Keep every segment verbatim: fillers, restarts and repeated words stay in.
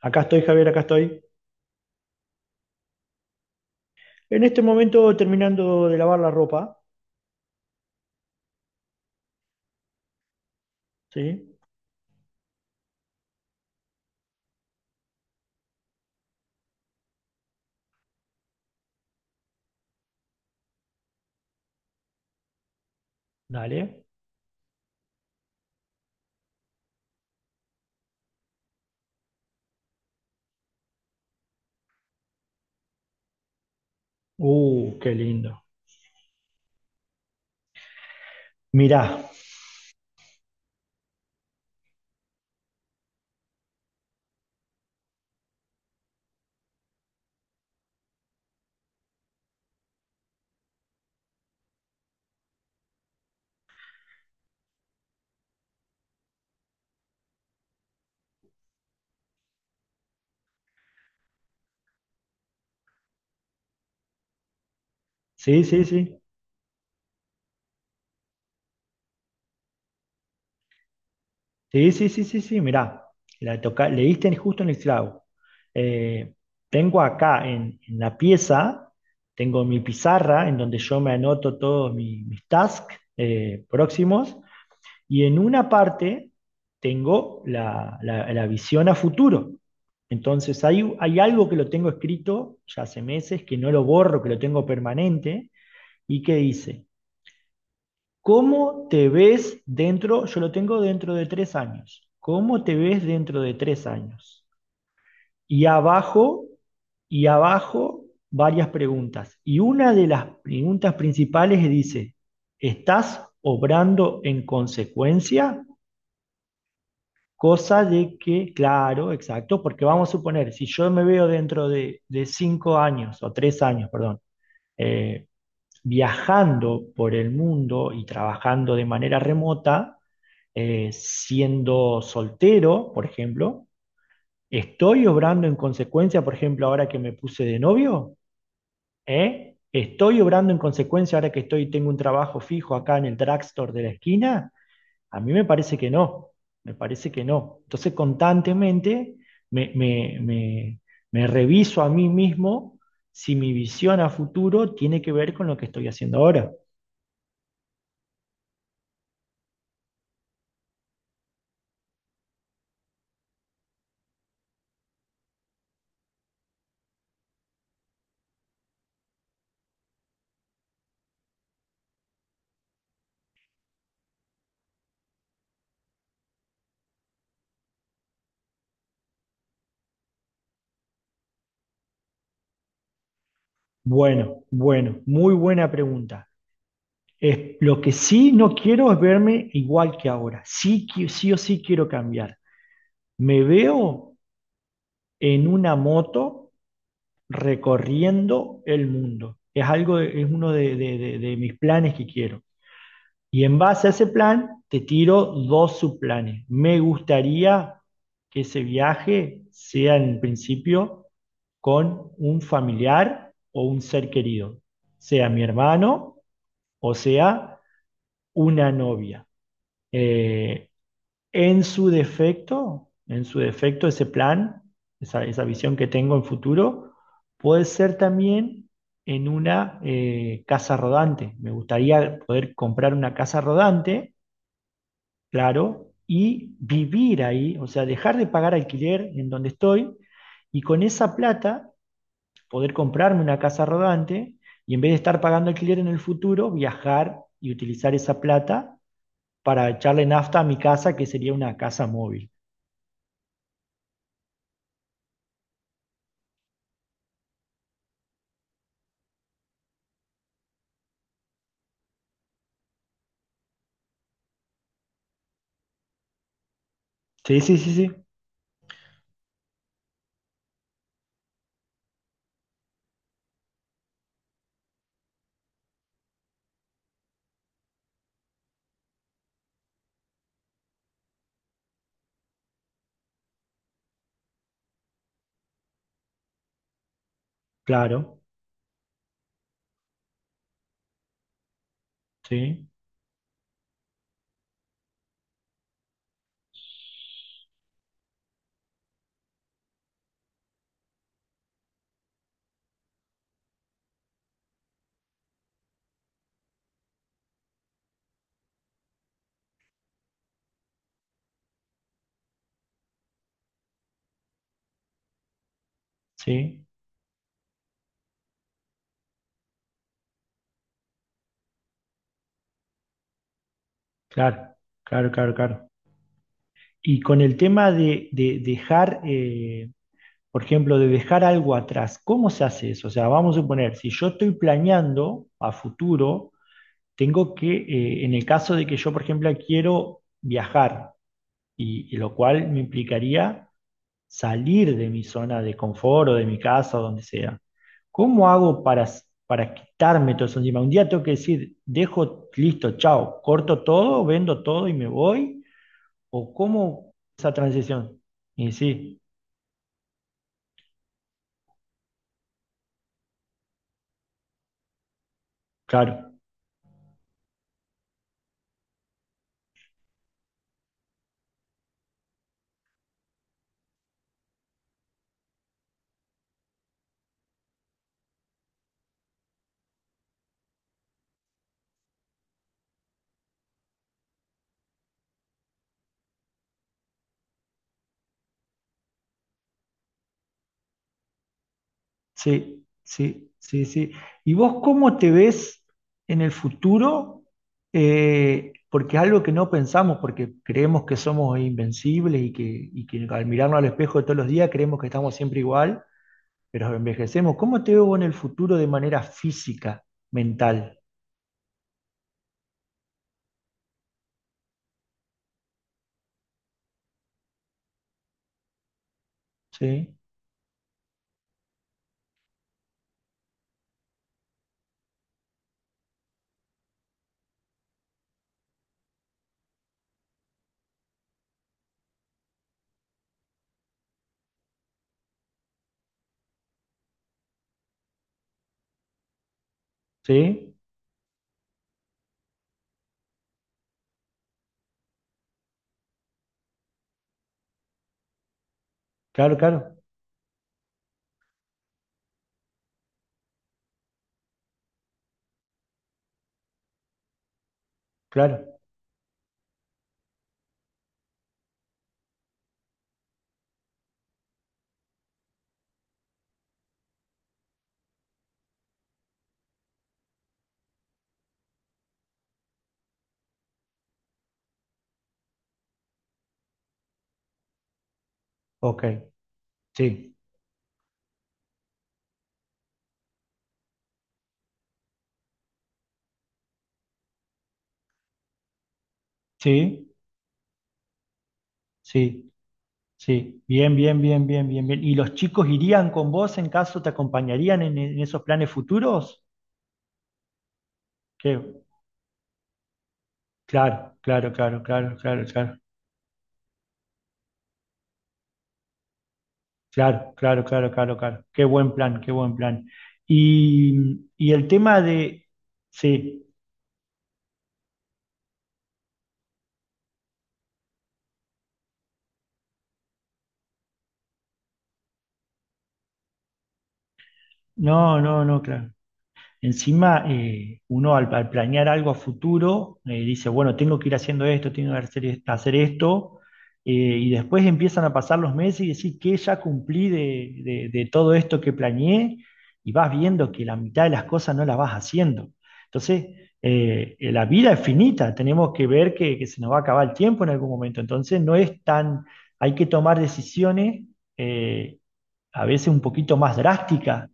Acá estoy, Javier, acá estoy. En este momento terminando de lavar la ropa. ¿Sí? Dale. Uh, qué lindo. Mirá. Sí, sí, sí. Sí, sí, sí, sí, sí, mirá. La toca, le diste en- justo en el clavo. Eh, tengo acá en, en la pieza, tengo mi pizarra en donde yo me anoto todos mi- mis tasks eh, próximos. Y en una parte tengo la, la- la visión a futuro. Entonces hay, hay algo que lo tengo escrito ya hace meses, que no lo borro, que lo tengo permanente, y que dice, ¿cómo te ves dentro? Yo lo tengo dentro de tres años. ¿Cómo te ves dentro de tres años? Y abajo, y abajo, varias preguntas. Y una de las preguntas principales dice, ¿estás obrando en consecuencia? Cosa de que, claro, exacto, porque vamos a suponer, si yo me veo dentro de, de cinco años o tres años, perdón, eh, viajando por el mundo y trabajando de manera remota, eh, siendo soltero, por ejemplo, ¿estoy obrando en consecuencia, por ejemplo, ahora que me puse de novio? ¿Eh? ¿Estoy obrando en consecuencia ahora que estoy, tengo un trabajo fijo acá en el drugstore de la esquina? A mí me parece que no, me parece que no. Entonces constantemente me, me- me- me reviso a mí mismo si mi visión a futuro tiene que ver con lo que estoy haciendo ahora. Bueno, bueno, muy buena pregunta. Es, lo que sí no quiero es verme igual que ahora. Sí, qui- sí o sí quiero cambiar. Me veo en una moto recorriendo el mundo. Es algo, de- es uno de de- de- de mis planes que quiero. Y en base a ese plan, te tiro dos subplanes. Me gustaría que ese viaje sea en principio con un familiar o un ser querido, sea mi hermano o sea una novia. Eh, en su defecto, en su defecto, ese plan, esa, esa visión que tengo en futuro, puede ser también en una eh, casa rodante. Me gustaría poder comprar una casa rodante, claro, y vivir ahí, o sea, dejar de pagar alquiler en donde estoy, y con esa plata poder comprarme una casa rodante, y en vez de estar pagando alquiler en el futuro, viajar y utilizar esa plata para echarle nafta a mi casa, que sería una casa móvil. Sí, sí, sí, sí, claro, sí, sí, claro, claro, claro, claro. Y con el tema de, de dejar... eh, Por ejemplo, de dejar algo atrás. ¿Cómo se hace eso? O sea, vamos a suponer, si yo estoy planeando a futuro, tengo que, eh, en el caso de que yo, por ejemplo, quiero viajar, y, y lo cual me implicaría salir de mi zona de confort o de mi casa o donde sea. ¿Cómo hago para, s- para quitarme todo eso encima? Un día tengo que decir, dejo, listo, chao, corto todo, vendo todo y me voy. ¿O cómo esa transición? Y sí, claro. Sí, sí, sí, sí. ¿Y vos cómo te ves en el futuro? Eh, porque es algo que no pensamos, porque creemos que somos invencibles y que, y que al mirarnos al espejo todos los días creemos que estamos siempre igual, pero envejecemos. ¿Cómo te veo vos en el futuro de manera física, mental? ¿Sí? ¿Sí? Claro, claro, claro. Ok, sí, sí, sí. Sí, bien, bien, bien, bien, bien, bien. ¿Y los chicos irían con vos, en caso te acompañarían en, en esos planes futuros? Qué- Claro, claro, claro, claro, claro, claro, claro, claro, claro, claro, claro. Qué buen plan, qué buen plan. Y, y el tema de, sí, no, no, no, claro. Encima, eh, uno al, al planear algo a futuro, eh, dice, bueno, tengo que ir haciendo esto, tengo que hacer, est- hacer esto, eh, y después empiezan a pasar los meses y decís, ¿qué ya cumplí de, de- de todo esto que planeé? Y vas viendo que la mitad de las cosas no las vas haciendo. Entonces, eh, eh, la vida es finita, tenemos que ver que, que se nos va a acabar el tiempo en algún momento. Entonces, no es tan, hay que tomar decisiones eh, a veces un poquito más drásticas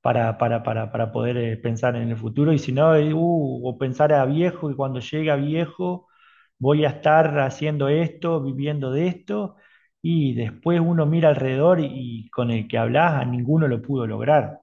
para, para, para, para poder eh, pensar en el futuro. Y si no, eh, uh, o pensar a viejo y cuando llegue a viejo voy a estar haciendo esto, viviendo de esto. Y después uno mira alrededor y, y con el que hablas a ninguno lo pudo lograr.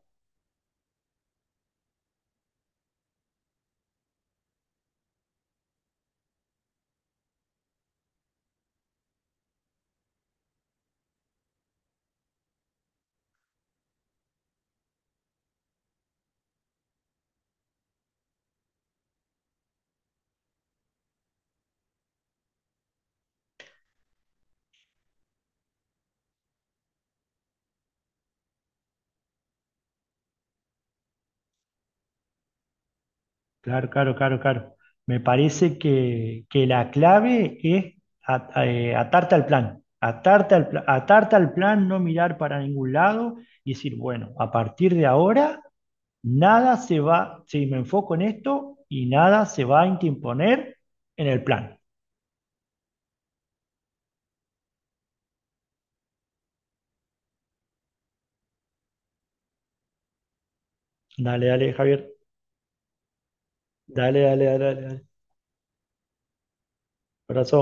Claro, claro, claro, claro. Me parece que, que la clave es a- a- eh, atarte al plan. Atarte al, pla- atarte al plan, no mirar para ningún lado y decir, bueno, a partir de ahora. Nada se va, si me enfoco en esto y nada se va a interponer en el plan. Dale, dale, Javier. Dale, dale, dale, dale. Dale. Abrazo.